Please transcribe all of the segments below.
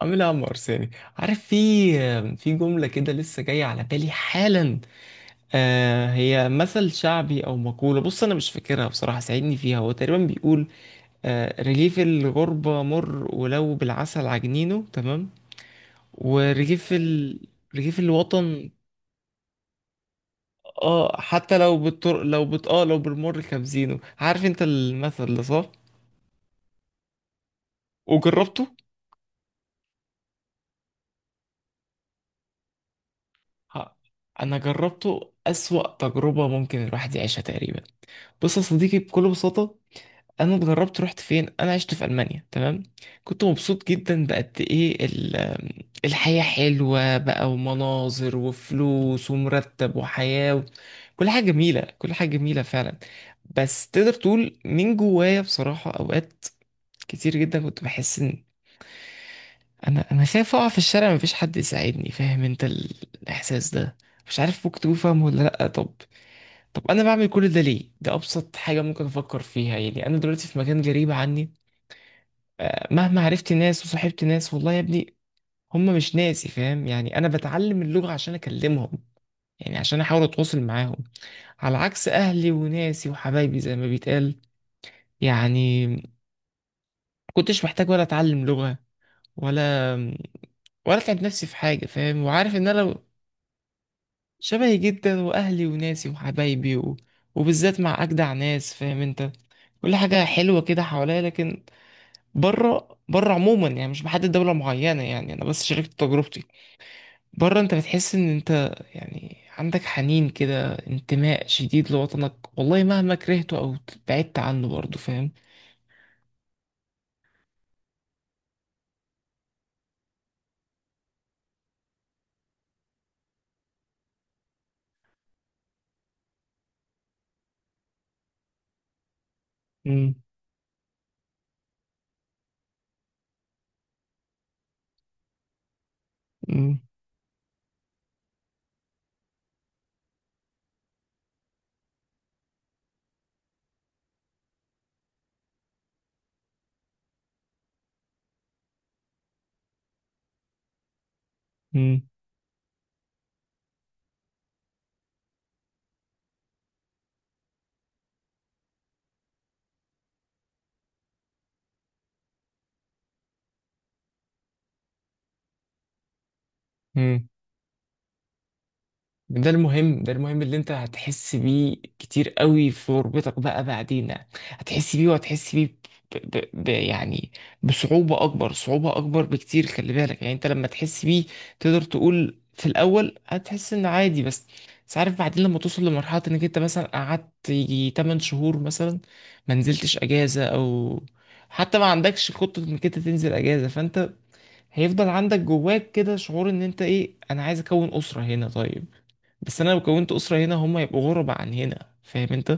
عاملها يا عم ارساني. عارف، في جمله كده لسه جايه على بالي حالا. آه، هي مثل شعبي او مقوله. بص، انا مش فاكرها بصراحه، ساعدني فيها. هو تقريبا بيقول: آه، رغيف الغربه مر ولو بالعسل عجنينه. تمام. ورغيف ال... رغيف الوطن. اه، حتى لو بالطر لو بت... اه لو بالمر كابزينه. عارف انت المثل ده صح؟ وجربته. ها، انا جربته اسوأ تجربه ممكن الواحد يعيشها تقريبا. بص يا صديقي، بكل بساطة، انا اتغربت. رحت فين؟ انا عشت في المانيا. تمام. كنت مبسوط جدا بقد ايه الحياه حلوه بقى، ومناظر، وفلوس، ومرتب، وحياه و... كل حاجه جميله، كل حاجه جميله فعلا. بس تقدر تقول من جوايا بصراحه، اوقات كتير جدا كنت بحس ان انا خايف اقع في الشارع، مفيش حد يساعدني. فاهم انت الاحساس ده؟ مش عارف، ممكن تكون فاهمه ولا لا. طب، انا بعمل كل ده ليه؟ ده ابسط حاجه ممكن افكر فيها يعني، انا دلوقتي في مكان غريب عني. آه، مهما عرفت ناس وصاحبت ناس، والله يا ابني هم مش ناسي. فاهم يعني؟ انا بتعلم اللغة عشان اكلمهم، يعني عشان احاول اتواصل معاهم، على عكس اهلي وناسي وحبايبي زي ما بيتقال. يعني، كنتش محتاج ولا اتعلم لغة ولا ولا اتعب نفسي في حاجة. فاهم وعارف ان انا شبهي جدا، واهلي وناسي وحبايبي و... وبالذات مع اجدع ناس. فاهم انت. كل حاجة حلوة كده حواليا، لكن بره، بره عموما يعني، مش بحدد دولة معينة يعني، انا بس شاركت تجربتي. بره انت بتحس ان انت، يعني، عندك حنين كده، انتماء شديد لوطنك، والله مهما كرهته او بعدت عنه برضه. فاهم. مم. مم. مم. مم. ده المهم، ده المهم اللي انت هتحس بيه كتير قوي في غربتك بقى بعدين. هتحس بيه وهتحس بيه ب... يعني، بصعوبة أكبر، صعوبة أكبر بكتير. خلي بالك يعني انت لما تحس بيه، تقدر تقول في الأول هتحس إن عادي، بس عارف بعدين لما توصل لمرحلة إنك انت مثلا قعدت يجي 8 شهور مثلا، ما نزلتش أجازة أو حتى ما عندكش خطة إنك انت تنزل أجازة، فانت هيفضل عندك جواك كده شعور إن انت إيه. أنا عايز أكون أسرة هنا. طيب، بس انا لو كونت اسره هنا هم يبقوا غربة عن هنا. فاهم انت.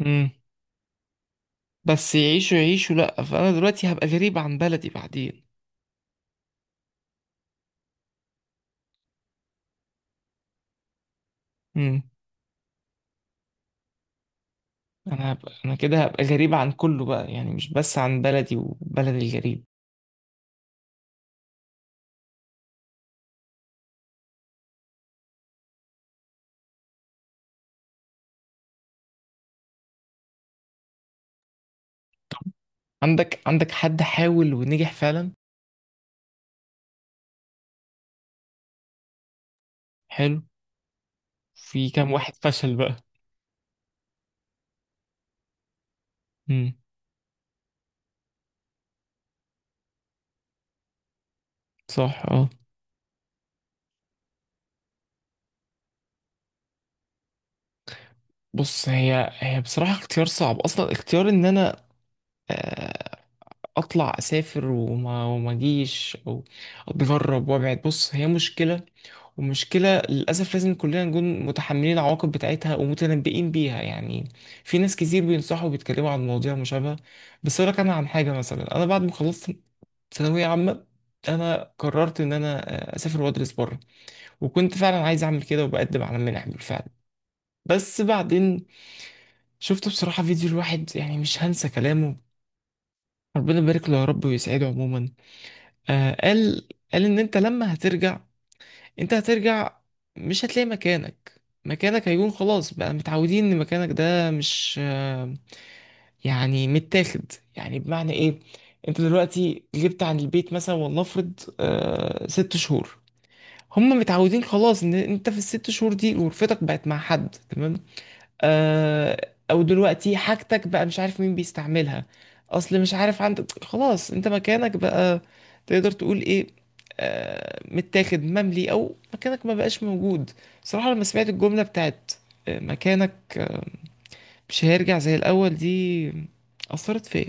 امم بس يعيشوا يعيشوا لأ، فأنا دلوقتي هبقى غريب عن بلدي بعدين. امم انا هبقى انا كده هبقى غريب عن كله بقى يعني، مش بس عن بلدي وبلد الغريب. عندك حد حاول ونجح فعلا؟ حلو. في كام واحد فشل بقى؟ امم، صح، اه. بص، هي بصراحة اختيار صعب أصلا، اختيار إن أنا اطلع اسافر وما اجيش، او اتغرب وابعد. بص، هي مشكله، ومشكله للاسف لازم كلنا نكون متحملين العواقب بتاعتها ومتنبئين بيها يعني. في ناس كتير بينصحوا وبيتكلموا عن مواضيع مشابهه. بس اقول لك، انا عن حاجه مثلا، انا بعد ما خلصت ثانويه عامه، انا قررت ان انا اسافر وادرس بره. وكنت فعلا عايز اعمل كده، وبقدم على منح بالفعل، بس بعدين شفت بصراحة فيديو، الواحد يعني مش هنسى كلامه. ربنا يبارك له يا رب ويسعده عموما. آه، قال ان انت لما هترجع، انت هترجع مش هتلاقي مكانك. مكانك هيكون خلاص، بقى متعودين ان مكانك ده مش يعني متاخد يعني. بمعنى ايه؟ انت دلوقتي غبت عن البيت مثلا، ولنفرض 6 شهور. هم متعودين خلاص ان انت في ال 6 شهور دي غرفتك بقت مع حد. تمام. آه، او دلوقتي حاجتك بقى مش عارف مين بيستعملها. اصل مش عارف، عندك خلاص انت مكانك بقى تقدر تقول ايه؟ متاخد مملي، او مكانك ما بقاش موجود. صراحة لما سمعت الجملة بتاعت مكانك، مش هيرجع زي الاول دي، اثرت فيا.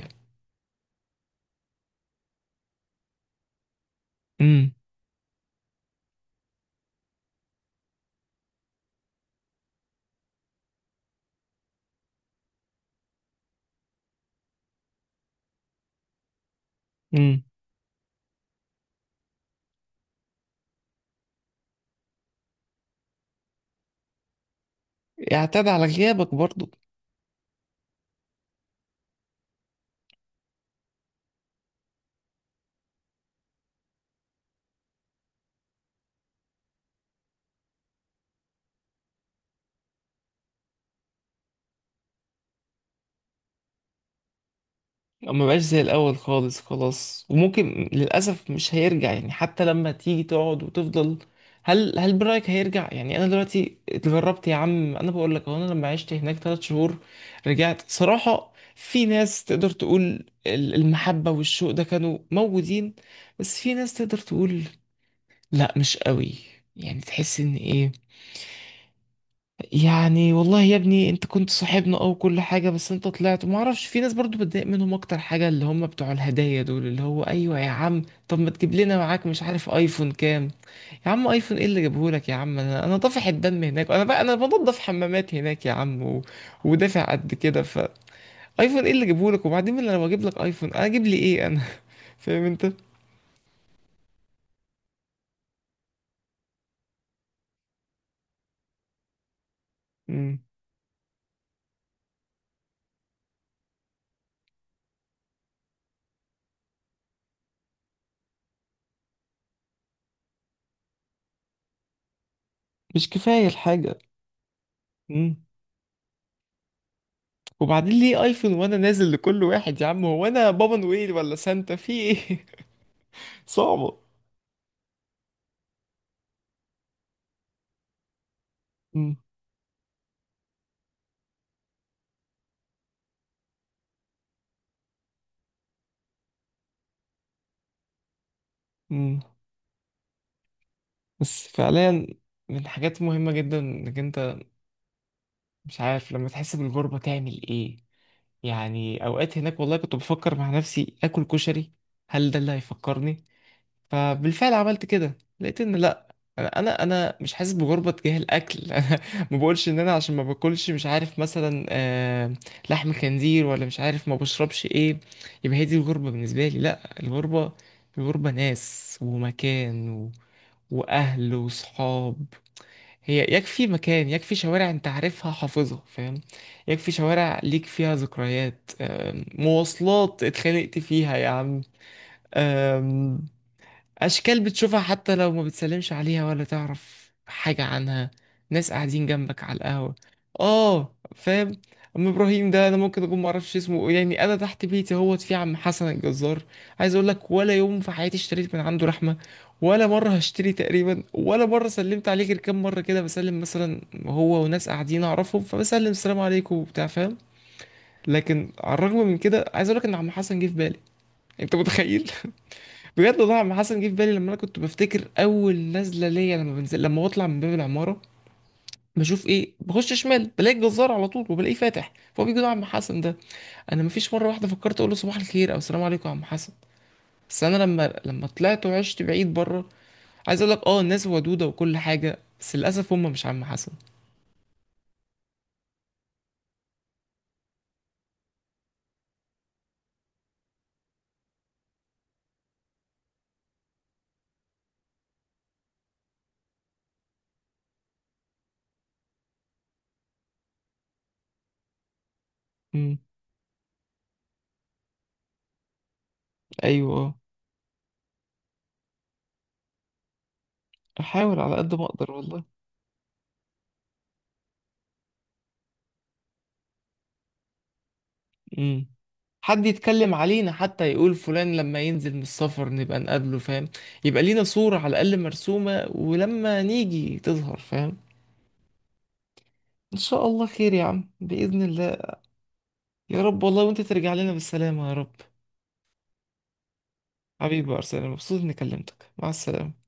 امم. امم. اعتاد على غيابك برضو. ما بقاش زي الاول خالص، خلاص. وممكن للاسف مش هيرجع يعني، حتى لما تيجي تقعد وتفضل. هل برايك هيرجع؟ يعني انا دلوقتي اتغربت يا عم، انا بقول لك اهو، انا لما عشت هناك 3 شهور، رجعت صراحه. في ناس تقدر تقول المحبه والشوق ده كانوا موجودين، بس في ناس تقدر تقول لا، مش قوي. يعني تحس ان ايه يعني، والله يا ابني انت كنت صاحبنا او كل حاجة، بس انت طلعت ما اعرفش. في ناس برضو بتضايق منهم اكتر حاجة اللي هم بتوع الهدايا دول، اللي هو ايوه يا عم، طب ما تجيب لنا معاك مش عارف ايفون كام؟ يا عم ايفون ايه اللي جابه لك يا عم؟ انا طافح الدم هناك، انا بقى انا بنضف حمامات هناك يا عم و... ودافع قد كده. فايفون ايه اللي جابه لك؟ وبعدين انا لو اجيب لك ايفون، انا اجيب لي ايه انا؟ فاهم انت. مم. مش كفاية الحاجة. مم. وبعدين ليه ايفون وانا نازل لكل واحد يا عم؟ هو انا بابا نويل ولا سانتا في ايه؟ صعبة. مم. مم. بس فعليا، من حاجات مهمة جدا انك انت مش عارف لما تحس بالغربة تعمل ايه. يعني اوقات هناك والله كنت بفكر مع نفسي اكل كشري، هل ده اللي هيفكرني؟ فبالفعل عملت كده، لقيت ان لا، انا انا أنا مش حاسس بغربه تجاه الاكل. انا ما بقولش ان انا عشان ما باكلش مش عارف مثلا لحم خنزير، ولا مش عارف ما بشربش ايه. يبقى هي دي الغربه بالنسبه لي. لا، الغربه، الغربه ناس ومكان و... واهل وصحاب. هي يكفي مكان، يكفي شوارع انت عارفها حافظها، فاهم. يكفي شوارع ليك فيها ذكريات، مواصلات اتخانقت فيها يا عم. أشكال بتشوفها، حتى لو ما بتسلمش عليها ولا تعرف حاجة عنها. ناس قاعدين جنبك على القهوة. آه، فاهم. أم إبراهيم ده أنا ممكن أكون معرفش اسمه يعني. أنا تحت بيتي اهوت في عم حسن الجزار. عايز أقول لك، ولا يوم في حياتي اشتريت من عنده لحمة، ولا مرة هشتري تقريبا، ولا مرة سلمت عليه غير كام مرة كده، بسلم مثلا هو وناس قاعدين أعرفهم، فبسلم السلام عليكم وبتاع، فاهم. لكن على الرغم من كده، عايز أقول لك إن عم حسن جه في بالي. أنت متخيل؟ بجد والله عم حسن جه في بالي لما انا كنت بفتكر اول نزله ليا، لما بنزل، لما بطلع من باب العماره، بشوف ايه؟ بخش شمال بلاقي الجزار على طول، وبلاقيه فاتح، فهو بيجي له عم حسن ده. انا مفيش مره واحده فكرت اقول له صباح الخير او السلام عليكم يا عم حسن. بس انا لما طلعت وعشت بعيد بره، عايز اقول لك، اه، الناس ودوده وكل حاجه، بس للاسف هم مش عم حسن. امم. ايوه. آه. احاول على قد ما اقدر والله. امم حد يتكلم علينا حتى، يقول فلان لما ينزل من السفر نبقى نقابله، فاهم. يبقى لينا صورة على الأقل مرسومة، ولما نيجي تظهر، فاهم. إن شاء الله خير يا عم، بإذن الله. يا رب والله، وأنت ترجع لنا بالسلامة يا رب. حبيبي يا أرسنال، مبسوط إني كلمتك، مع السلامة.